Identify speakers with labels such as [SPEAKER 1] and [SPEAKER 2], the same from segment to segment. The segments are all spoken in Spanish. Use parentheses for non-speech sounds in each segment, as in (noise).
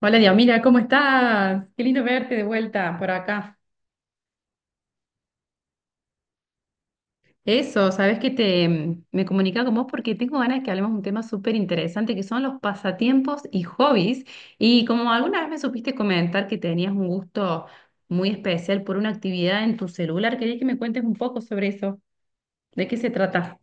[SPEAKER 1] Hola, Dios, mira, ¿cómo estás? Qué lindo verte de vuelta por acá. Eso, sabes que me comunicaba con vos porque tengo ganas de que hablemos de un tema súper interesante que son los pasatiempos y hobbies. Y como alguna vez me supiste comentar que tenías un gusto muy especial por una actividad en tu celular, quería que me cuentes un poco sobre eso. ¿De qué se trata?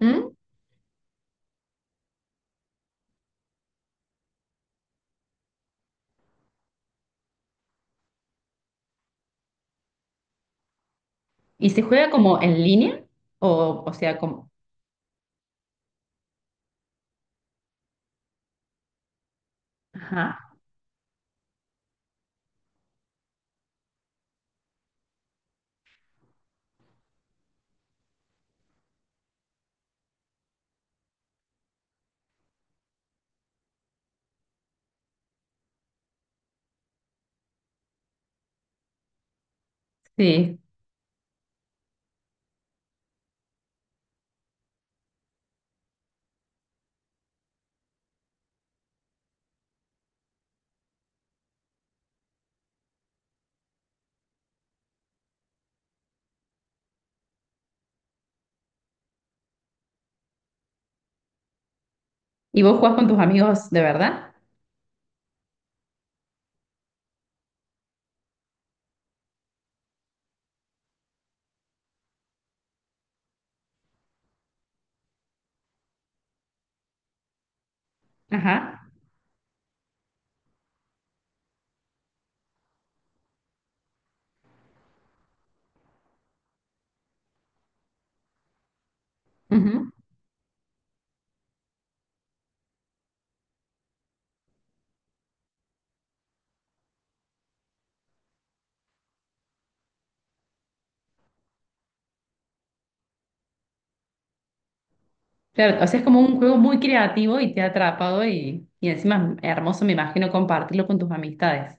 [SPEAKER 1] ¿Mm? ¿Y se juega como en línea? O sea, como. Ajá. Sí. ¿Y vos jugás con tus amigos de verdad? Ajá. Claro, o sea, es como un juego muy creativo y te ha atrapado y encima es hermoso, me imagino, compartirlo con tus amistades.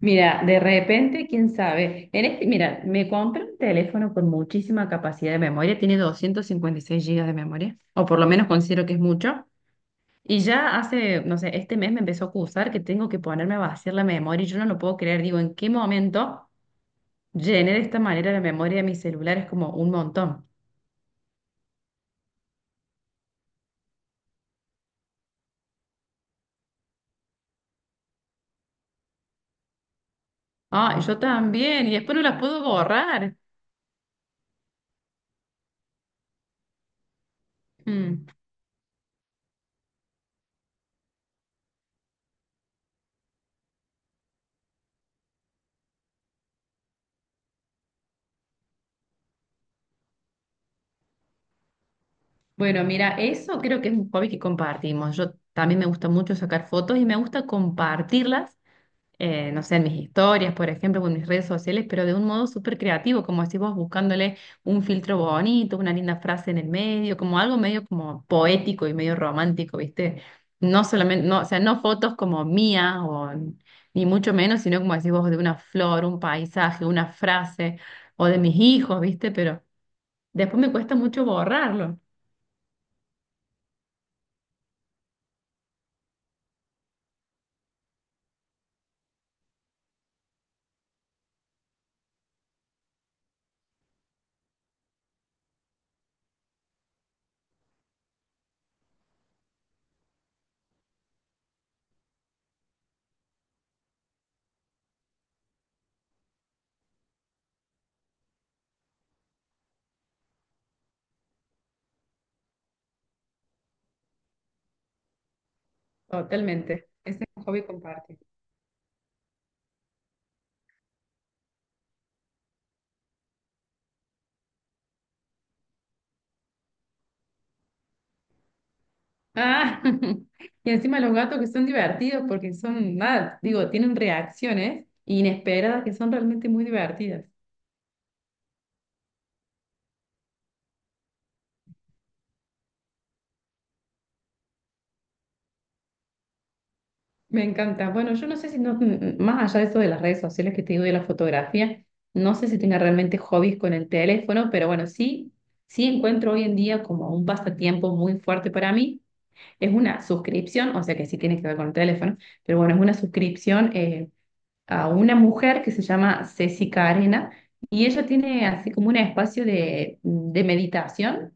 [SPEAKER 1] Mira, de repente, quién sabe. En este, mira, me compré un teléfono con muchísima capacidad de memoria, tiene 256 GB de memoria, o por lo menos considero que es mucho. Y ya hace, no sé, este mes me empezó a acusar que tengo que ponerme a vaciar la memoria y yo no lo puedo creer. Digo, ¿en qué momento llené de esta manera la memoria de mi celular? Es como un montón. Ah, yo también, y después no las puedo borrar. Mm. Bueno, mira, eso creo que es un hobby que compartimos. Yo también me gusta mucho sacar fotos y me gusta compartirlas, no sé, en mis historias, por ejemplo, o en mis redes sociales, pero de un modo súper creativo, como decís vos, buscándole un filtro bonito, una linda frase en el medio, como algo medio como poético y medio romántico, ¿viste? No solamente, no, o sea, no fotos como mías o ni mucho menos, sino como decís vos, de una flor, un paisaje, una frase, o de mis hijos, ¿viste? Pero después me cuesta mucho borrarlo. Totalmente. Ese es un hobby compartido. Ah, (laughs) y encima los gatos que son divertidos porque son, nada, digo, tienen reacciones inesperadas que son realmente muy divertidas. Me encanta. Bueno, yo no sé si, no, más allá de eso de las redes sociales que te digo de la fotografía, no sé si tenga realmente hobbies con el teléfono, pero bueno, sí, sí encuentro hoy en día como un pasatiempo muy fuerte para mí. Es una suscripción, o sea que sí tiene que ver con el teléfono, pero bueno, es una suscripción. A una mujer que se llama Ceci Carena y ella tiene así como un espacio de meditación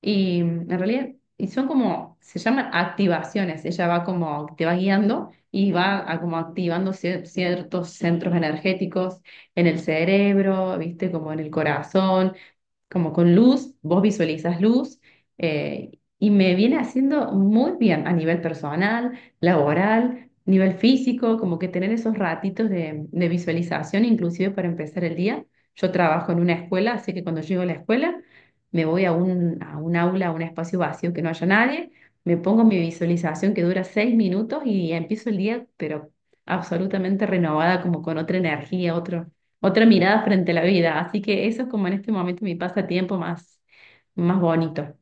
[SPEAKER 1] y en realidad y son como, se llaman activaciones, ella va como, te va guiando y va a como activando ciertos centros energéticos en el cerebro, viste, como en el corazón, como con luz, vos visualizas luz, eh, y me viene haciendo muy bien a nivel personal, laboral, nivel físico, como que tener esos ratitos de visualización, inclusive para empezar el día. Yo trabajo en una escuela, así que cuando llego a la escuela me voy a a un aula, a un espacio vacío que no haya nadie, me pongo mi visualización que dura 6 minutos y empiezo el día, pero absolutamente renovada, como con otra energía, otra mirada frente a la vida. Así que eso es como en este momento mi pasatiempo más, más bonito.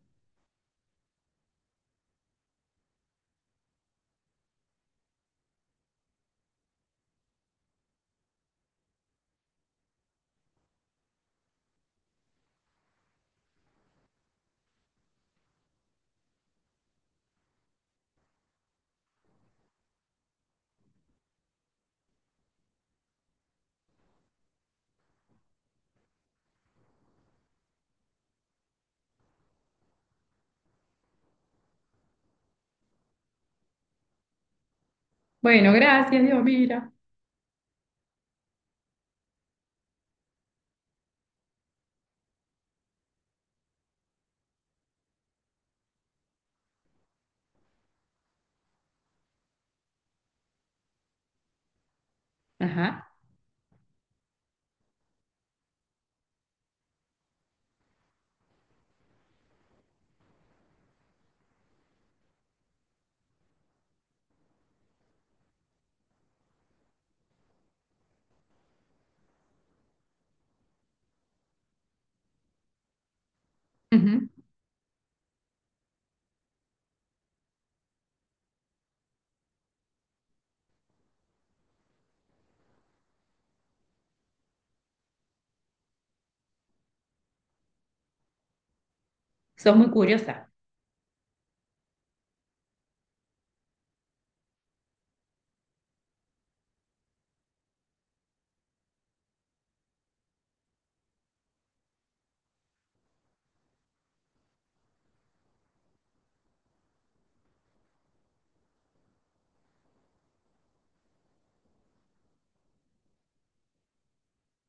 [SPEAKER 1] Bueno, gracias, Dios, mira. Ajá. Ujú. Sos muy curiosa.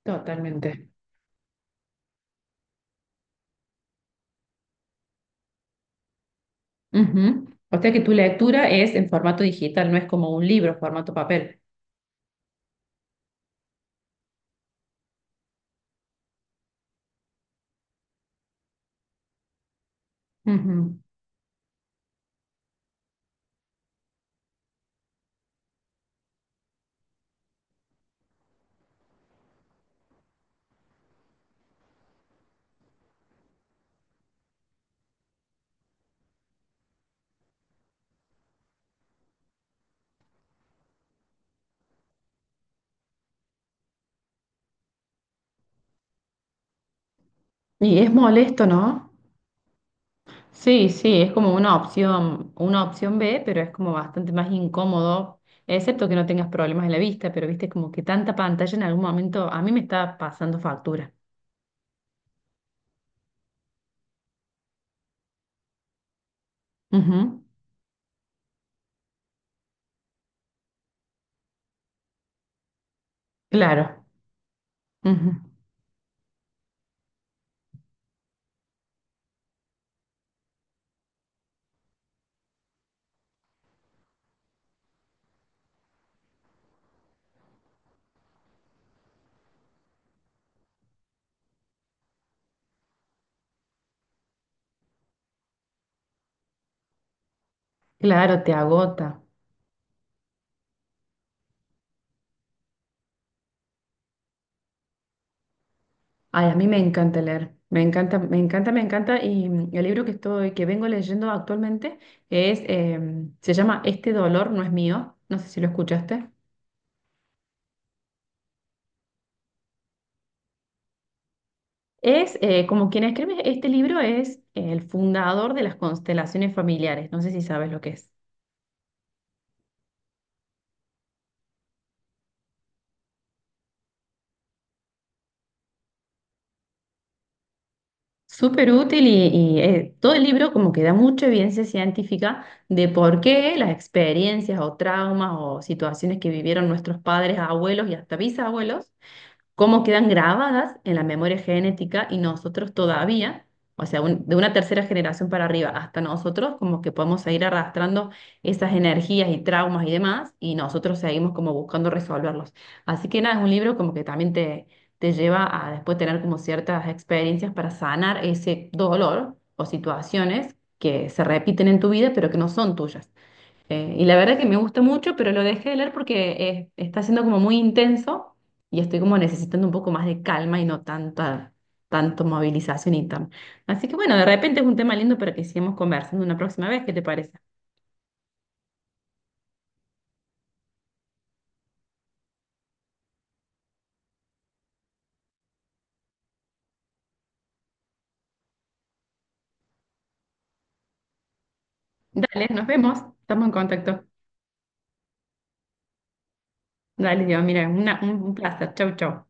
[SPEAKER 1] Totalmente. Ujú. O sea que tu lectura es en formato digital, no es como un libro, formato papel. Ujú. Y es molesto, ¿no? Sí, sí, es como una opción B, pero es como bastante más incómodo, excepto que no tengas problemas en la vista, pero viste como que tanta pantalla en algún momento a mí me está pasando factura. Ujú. Claro, ujú. Claro, te agota. Ay, a mí me encanta leer, me encanta, me encanta, me encanta. Y el libro que estoy, que vengo leyendo actualmente es, se llama Este dolor no es mío. No sé si lo escuchaste. Es como quien escribe este libro es el fundador de las constelaciones familiares. No sé si sabes lo que es. Súper útil y, todo el libro como que da mucha evidencia científica de por qué las experiencias o traumas o situaciones que vivieron nuestros padres, abuelos y hasta bisabuelos cómo quedan grabadas en la memoria genética y nosotros todavía, o sea, de una tercera generación para arriba hasta nosotros, como que podemos seguir arrastrando esas energías y traumas y demás, y nosotros seguimos como buscando resolverlos. Así que nada, es un libro como que también te lleva a después tener como ciertas experiencias para sanar ese dolor o situaciones que se repiten en tu vida, pero que no son tuyas. Y la verdad que me gusta mucho, pero lo dejé de leer porque está siendo como muy intenso y estoy como necesitando un poco más de calma y no tanta, tanto movilización y tan. Así que bueno, de repente es un tema lindo para que sigamos conversando una próxima vez, ¿qué te parece? Dale, nos vemos, estamos en contacto. Dale, Dios, mira, un placer. Chau, chau.